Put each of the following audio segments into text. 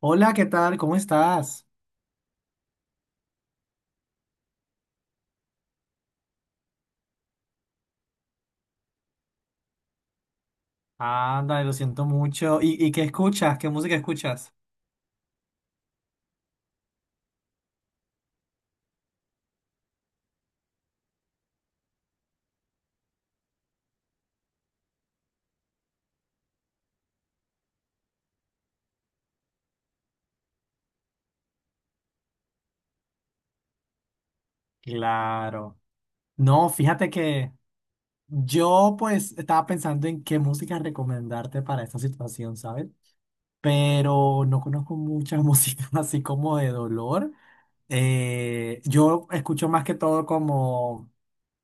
Hola, ¿qué tal? ¿Cómo estás? Anda, lo siento mucho. ¿Y qué escuchas? ¿Qué música escuchas? Claro. No, fíjate que yo pues estaba pensando en qué música recomendarte para esta situación, ¿sabes? Pero no conozco mucha música así como de dolor. Yo escucho más que todo como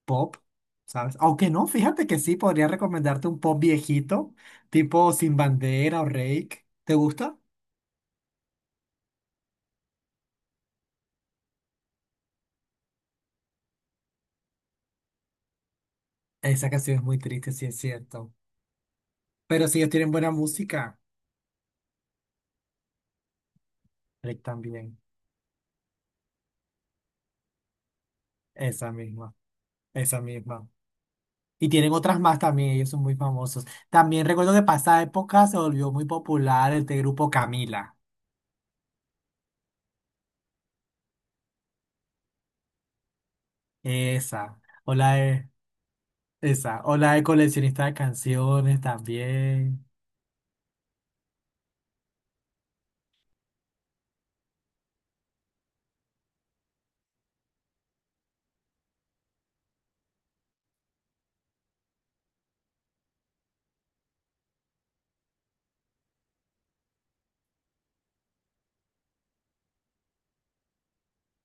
pop, ¿sabes? Aunque no, fíjate que sí, podría recomendarte un pop viejito, tipo Sin Bandera o Reik. ¿Te gusta? Esa canción es muy triste, sí es cierto. Pero si ellos tienen buena música, Rick también. Esa misma, esa misma. Y tienen otras más también, ellos son muy famosos. También recuerdo que pasada época se volvió muy popular este grupo Camila. Esa. O la de, esa. O la de coleccionista de canciones también.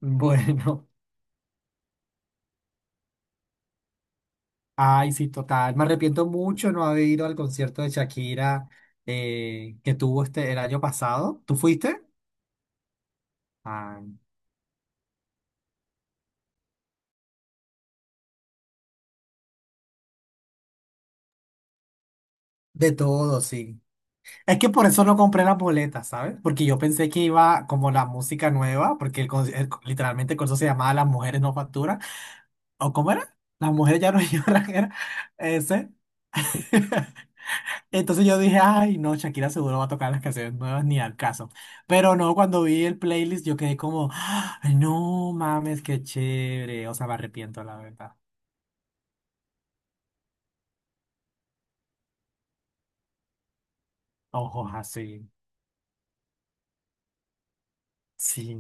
Bueno. Ay, sí, total. Me arrepiento mucho no haber ido al concierto de Shakira que tuvo este el año pasado. ¿Tú fuiste? Ay, de todo, sí. Es que por eso no compré las boletas, ¿sabes? Porque yo pensé que iba como la música nueva, porque el, con- el- literalmente el concierto se llamaba Las mujeres no facturan. ¿O cómo era? Las mujeres ya no lloran, era ese. Entonces yo dije, ay, no, Shakira seguro va a tocar las canciones nuevas, ni al caso. Pero no, cuando vi el playlist yo quedé como, "Ay, no mames, qué chévere". O sea, me arrepiento, la verdad. Ojos así. Sí.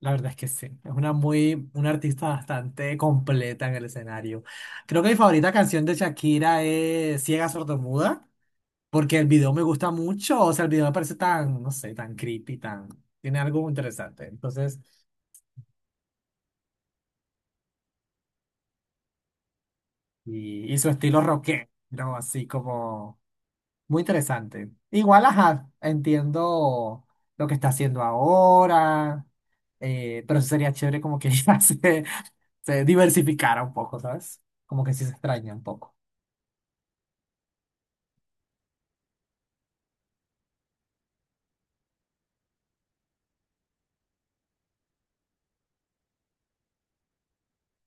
La verdad es que sí, es una muy, una artista bastante completa en el escenario. Creo que mi favorita canción de Shakira es Ciega Sordomuda, porque el video me gusta mucho, o sea, el video me parece tan, no sé, tan creepy, tan, tiene algo interesante. Entonces, y su estilo rockero, así como muy interesante. Igual, ajá, entiendo lo que está haciendo ahora, pero sí sería chévere como que ya se diversificara un poco, ¿sabes? Como que sí se extraña un poco.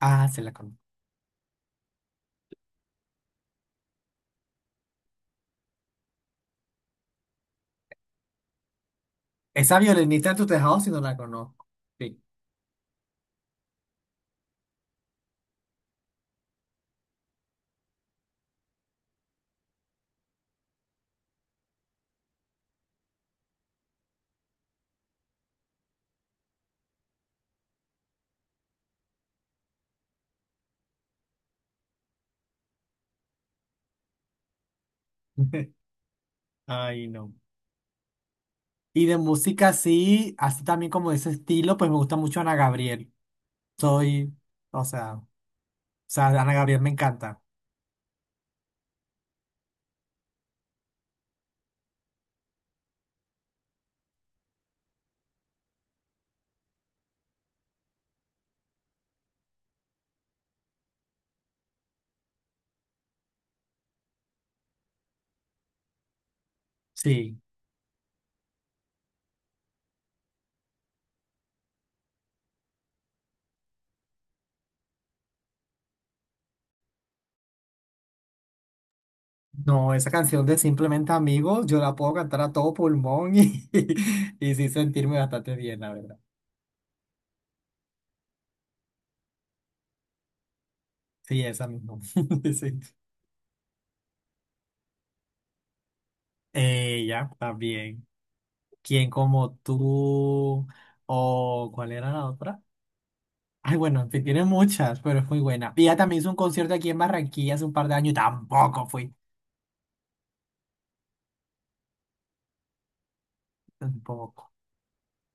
Ah, se la conozco. Esa violinista en tu tejado, si no la conozco. Sí. Ay, no. Y de música, sí, así también como de ese estilo, pues me gusta mucho Ana Gabriel. Soy, o sea, Ana Gabriel me encanta. Sí. No, esa canción de Simplemente Amigos, yo la puedo cantar a todo pulmón y, y, sí sentirme bastante bien, la verdad. Sí, esa misma. Sí. Ella también. ¿Quién como tú? ¿O cuál era la otra? Ay, bueno, en fin, tiene muchas, pero es muy buena. Y ella también hizo un concierto aquí en Barranquilla hace un par de años y tampoco fui. Un poco,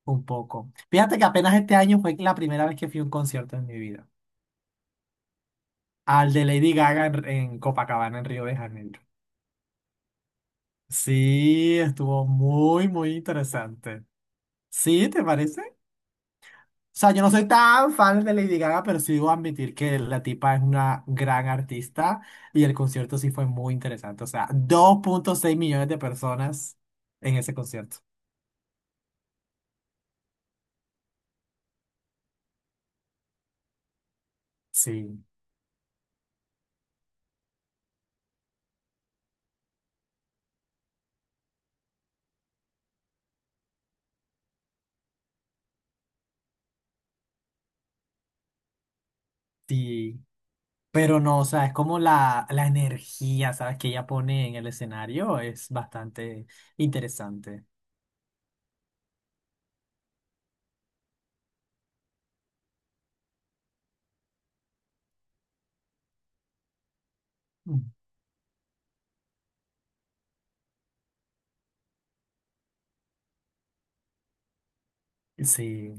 un poco. Fíjate que apenas este año fue la primera vez que fui a un concierto en mi vida. Al de Lady Gaga en Copacabana, en Río de Janeiro. Sí, estuvo muy, muy interesante. ¿Sí, te parece? O sea, yo no soy tan fan de Lady Gaga, pero sí debo admitir que la tipa es una gran artista y el concierto sí fue muy interesante. O sea, 2,6 millones de personas en ese concierto. Sí, sí. Pero no, o sea, es como la energía, ¿sabes? Que ella pone en el escenario es bastante interesante. Mm. Sí,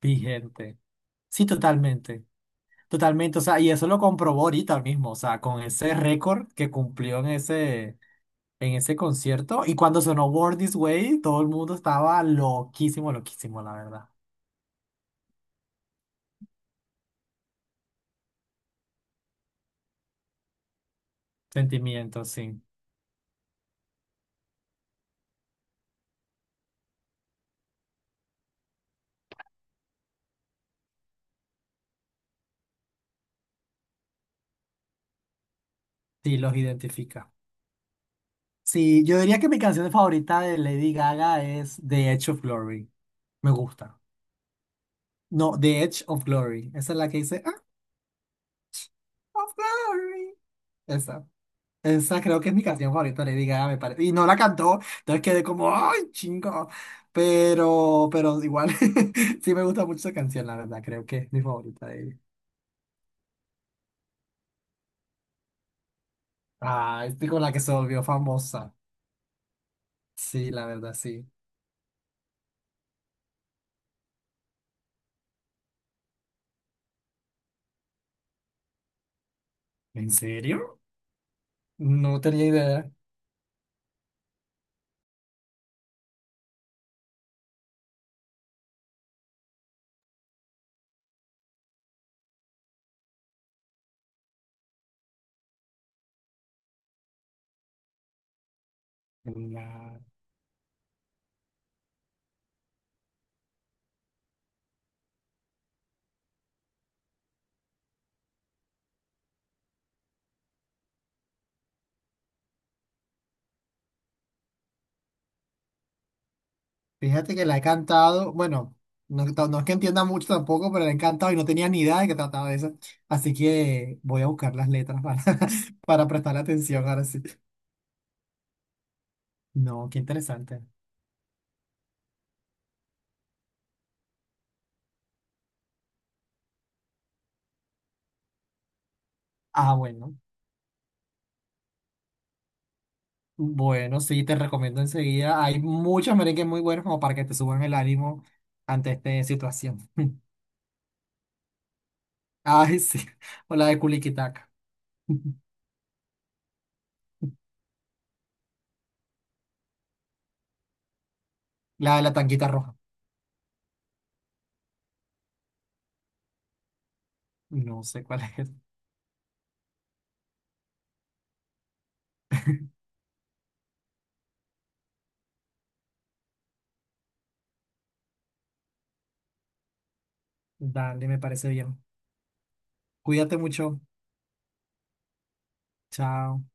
vigente. Sí, totalmente. Totalmente, o sea, y eso lo comprobó ahorita mismo, o sea, con ese récord que cumplió en ese concierto. Y cuando sonó Born This Way, todo el mundo estaba loquísimo, loquísimo, la verdad. Sentimientos, sí, sí, los identifica. Sí, yo diría que mi canción favorita de Lady Gaga es The Edge of Glory. Me gusta. No, The Edge of Glory. Esa es la que dice, "Ah, of Glory". Esa. Esa creo que es mi canción favorita de Lady Gaga, me parece. Y no la cantó, entonces quedé como, ¡ay, chingo! Pero igual, sí me gusta mucho esa canción, la verdad, creo que es mi favorita de ella. Ah, es con la que se volvió famosa. Sí, la verdad, sí. ¿En serio? No tenía idea. La- fíjate que la he cantado, bueno, no, ta- no es que entienda mucho tampoco, pero la he cantado y no tenía ni idea de que trataba de eso. Así que voy a buscar las letras para, para prestarle atención ahora sí. No, qué interesante. Ah, bueno. Bueno, sí, te recomiendo enseguida. Hay muchos merengues muy buenos como para que te suban el ánimo ante esta situación. Ay, sí. O la de Culiquitaca. La de la tanquita roja. No sé cuál es. Dale, me parece bien. Cuídate mucho. Chao.